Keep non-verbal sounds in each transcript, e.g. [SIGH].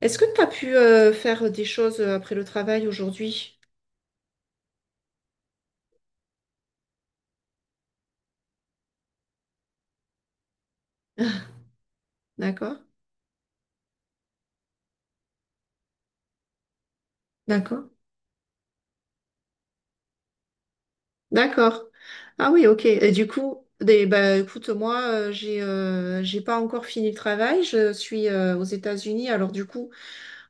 Est-ce que tu as pu faire des choses après le travail aujourd'hui? D'accord? D'accord? D'accord. Ah oui, ok. Et du coup, bah, écoute, moi, j'ai pas encore fini le travail. Je suis aux États-Unis. Alors du coup,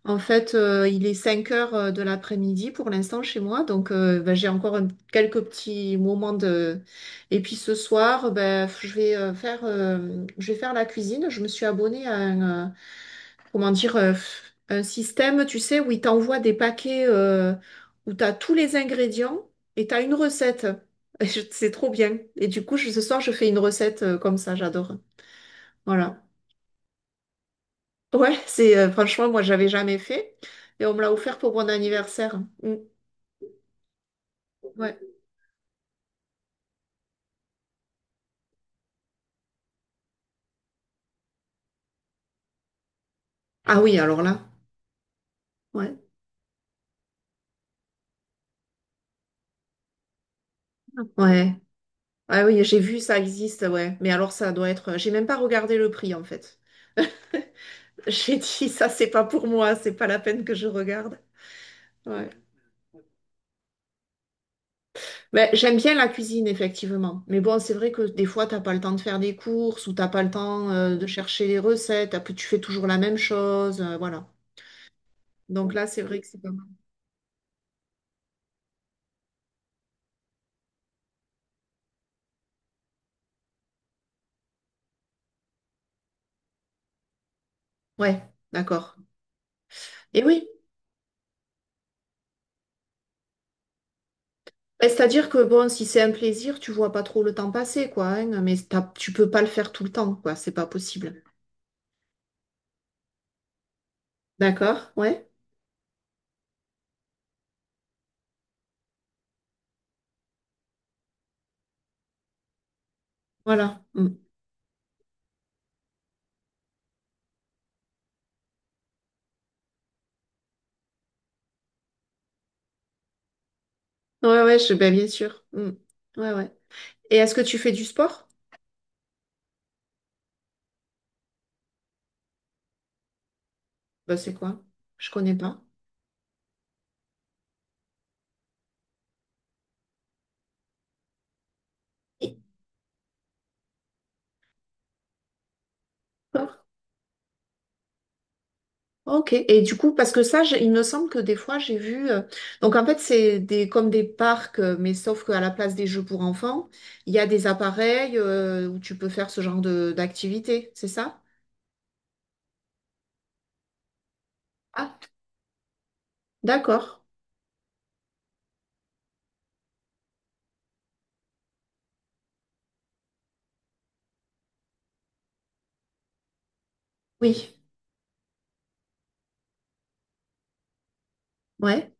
en fait, il est 5 heures de l'après-midi pour l'instant chez moi. Donc, bah, j'ai encore quelques petits moments Et puis ce soir, bah, je vais faire la cuisine. Je me suis abonnée à comment dire, euh, un système, tu sais, où il t'envoie des paquets où tu as tous les ingrédients et tu as une recette. [LAUGHS] Et c'est trop bien. Et du coup, ce soir, je fais une recette comme ça, j'adore. Voilà. Ouais, c'est franchement, moi, j'avais jamais fait. Et on me l'a offert pour mon anniversaire. Mm. Ouais. Ah oui, alors là. Ouais. Ouais. Ah oui, j'ai vu, ça existe, ouais. Mais alors, ça doit être. J'ai même pas regardé le prix, en fait. [LAUGHS] J'ai dit, ça, c'est pas pour moi, c'est pas la peine que je regarde. Ouais. Ben, j'aime bien la cuisine, effectivement. Mais bon, c'est vrai que des fois, t'as pas le temps de faire des courses ou t'as pas le temps de chercher les recettes. Après, tu fais toujours la même chose. Voilà. Donc là, c'est vrai que c'est pas mal. Ouais, d'accord. Et oui, ben, c'est-à-dire que bon, si c'est un plaisir, tu vois pas trop le temps passer, quoi, hein, mais tu peux pas le faire tout le temps, quoi. C'est pas possible. D'accord? Ouais. Voilà. Mm. Ouais, ouais, ben, bien sûr. Mm. Ouais, ouais. Et est-ce que tu fais du sport? Ben, c'est quoi? Je connais pas. Sport. Ok, et du coup, parce que ça, il me semble que des fois, j'ai vu. Donc, en fait, c'est des comme des parcs, mais sauf qu'à la place des jeux pour enfants, il y a des appareils où tu peux faire ce genre de d'activité, c'est ça? Ah, d'accord. Oui, ouais.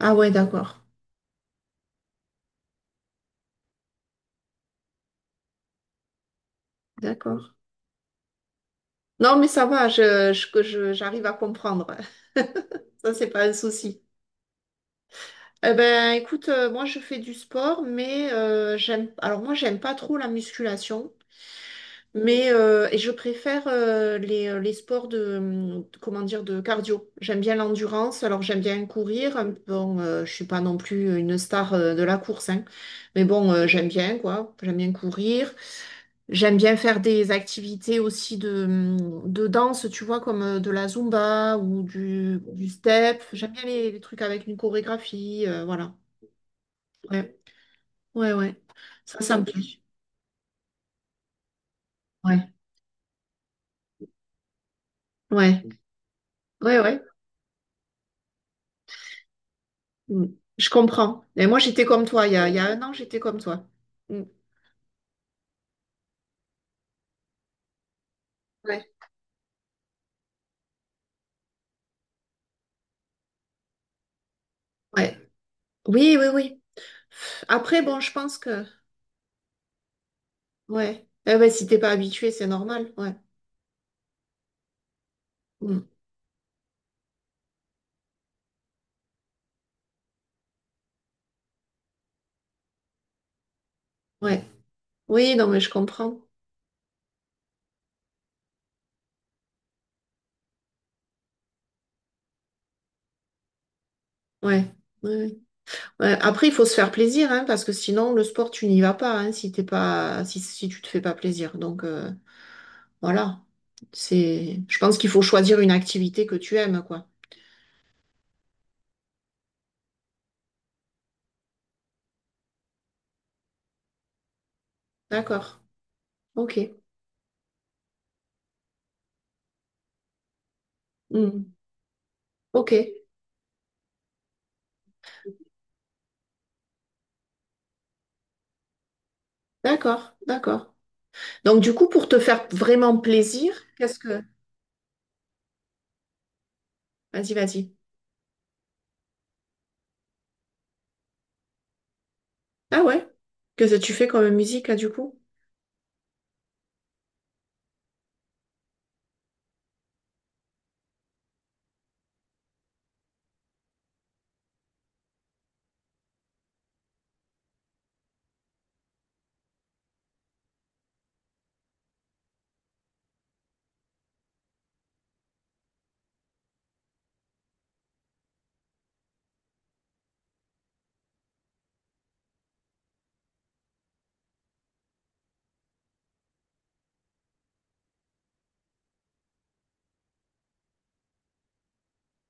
Ah ouais, d'accord. D'accord. Non, mais ça va, j'arrive à comprendre. [LAUGHS] Ça, c'est pas un souci. Eh ben, écoute, moi, je fais du sport, mais alors, moi, j'aime pas trop la musculation. Mais et je préfère les sports de cardio. J'aime bien l'endurance, alors j'aime bien courir. Bon, je suis pas non plus une star de la course, hein. Mais bon, j'aime bien, quoi. J'aime bien courir. J'aime bien faire des activités aussi de danse, tu vois, comme de la Zumba ou du step. J'aime bien les trucs avec une chorégraphie, voilà. Ouais, ouais, ouais. Ça me plaît. Ouais, ouais, ouais, ouais. Mm. Je comprends. Et moi, j'étais comme toi. Il y a 1 an, j'étais comme toi. Mm. Ouais. Ouais. Oui, oui, oui. Après, bon, ouais. Eh ben, si t'es pas habitué, c'est normal. Ouais. Mm. Ouais. Oui, non, mais je comprends. Ouais. Ouais. Ouais. Ouais. Après, il faut se faire plaisir, hein, parce que sinon, le sport, tu n'y vas pas, hein, si t'es pas... si tu te fais pas plaisir. Donc, voilà. Je pense qu'il faut choisir une activité que tu aimes, quoi. D'accord. OK. Mm. OK. D'accord. D'accord. Donc, du coup, pour te faire vraiment plaisir, vas-y, vas-y. Ah ouais? Qu'est-ce que tu fais comme musique, là, du coup?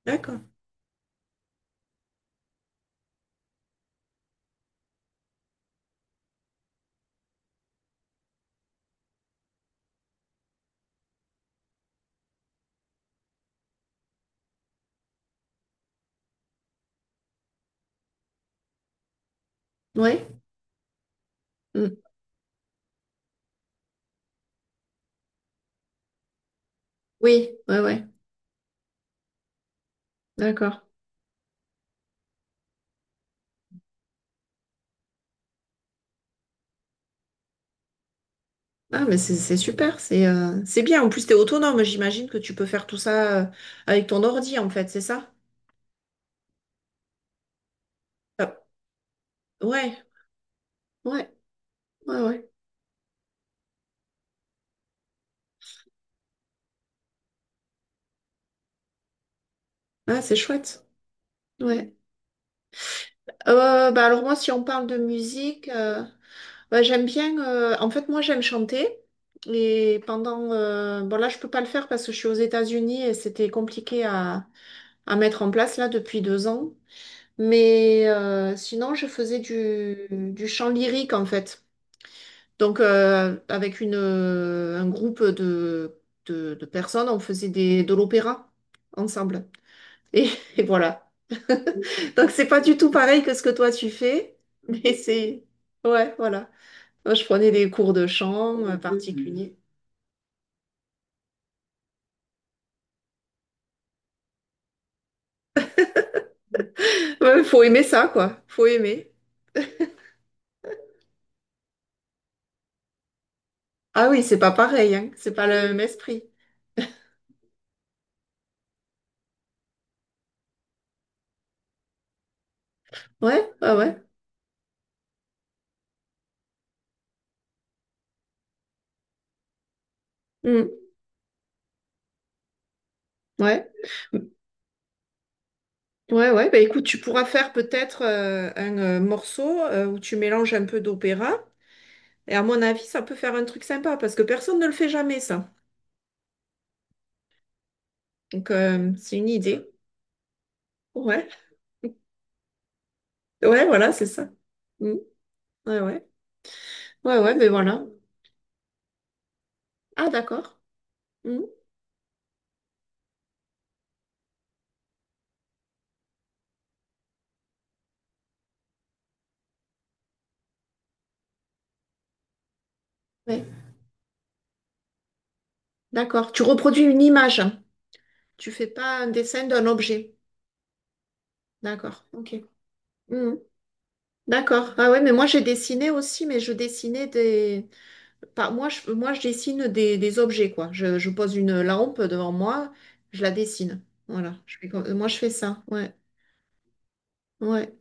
D'accord. Ouais? Mm. Oui, ouais, ouais. D'accord. Ah, mais c'est super, c'est bien. En plus, t'es autonome, j'imagine que tu peux faire tout ça avec ton ordi, en fait, c'est ça? Ah, ouais, ouais, ouais, ouais. Ah, c'est chouette. Ouais. Bah alors moi, si on parle de musique. Bah, j'aime bien, en fait, moi, j'aime chanter. Et pendant, bon, là, je peux pas le faire parce que je suis aux États-Unis et c'était compliqué à mettre en place, là, depuis 2 ans. Mais sinon, je faisais du chant lyrique, en fait. Donc, avec un groupe de personnes, on faisait de l'opéra ensemble. Et, [LAUGHS] et voilà. [LAUGHS] Donc, c'est pas du tout pareil que ce que toi, tu fais. Mais ouais, voilà. Moi, je prenais des cours de chant Mhm, particuliers. Ouais, faut aimer ça, quoi. Faut aimer. Ah oui, c'est pas pareil, hein. C'est pas le même esprit. Ouais, ouais, ouais. Mm. Ouais. Ouais, ouais. Bah, écoute, tu pourras faire peut-être un morceau où tu mélanges un peu d'opéra. Et à mon avis, ça peut faire un truc sympa parce que personne ne le fait jamais, ça. Donc, c'est une idée. Ouais. Ouais, voilà, c'est ça. Mm. Ouais, ouais. Ouais, ouais, mais voilà. Ah, d'accord. Mm. Ouais. D'accord. Tu reproduis une image, hein. Tu fais pas un dessin d'un objet. D'accord. Ok. Hmm. D'accord. Ah ouais, mais moi j'ai dessiné aussi, mais je dessinais des. Pas, moi, je dessine des objets, quoi. Je pose une lampe devant moi, je la dessine. Voilà. Moi, je fais ça. Ouais. Ouais.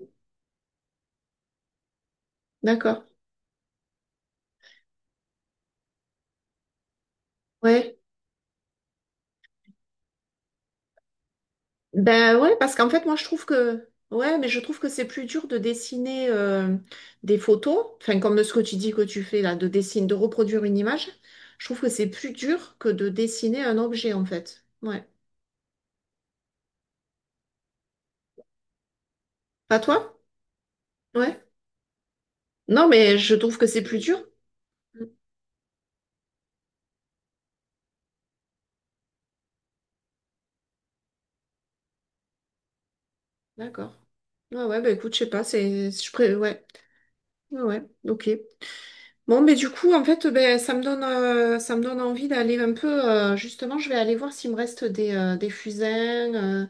D'accord. Ouais. Ben ouais, parce qu'en fait, moi, je trouve que... Ouais, mais je trouve que c'est plus dur de dessiner des photos, enfin, comme ce que tu dis que tu fais là, de dessiner, de reproduire une image. Je trouve que c'est plus dur que de dessiner un objet, en fait. Ouais. Pas toi? Ouais. Non, mais je trouve que c'est plus dur. Mm. D'accord. Ouais, ouais, bah écoute, je sais pas, ouais. Ouais, ouais, ok. Bon, mais du coup, en fait, ben, ça me donne envie d'aller un peu... justement, je vais aller voir s'il me reste des fusains,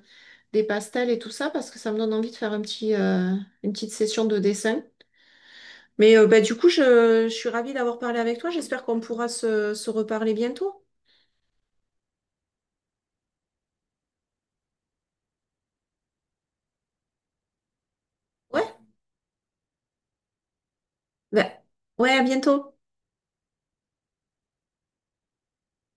des pastels et tout ça parce que ça me donne envie de faire une petite session de dessin. Mais bah, du coup, je suis ravie d'avoir parlé avec toi. J'espère qu'on pourra se reparler bientôt. Ouais, bah, ouais, à bientôt.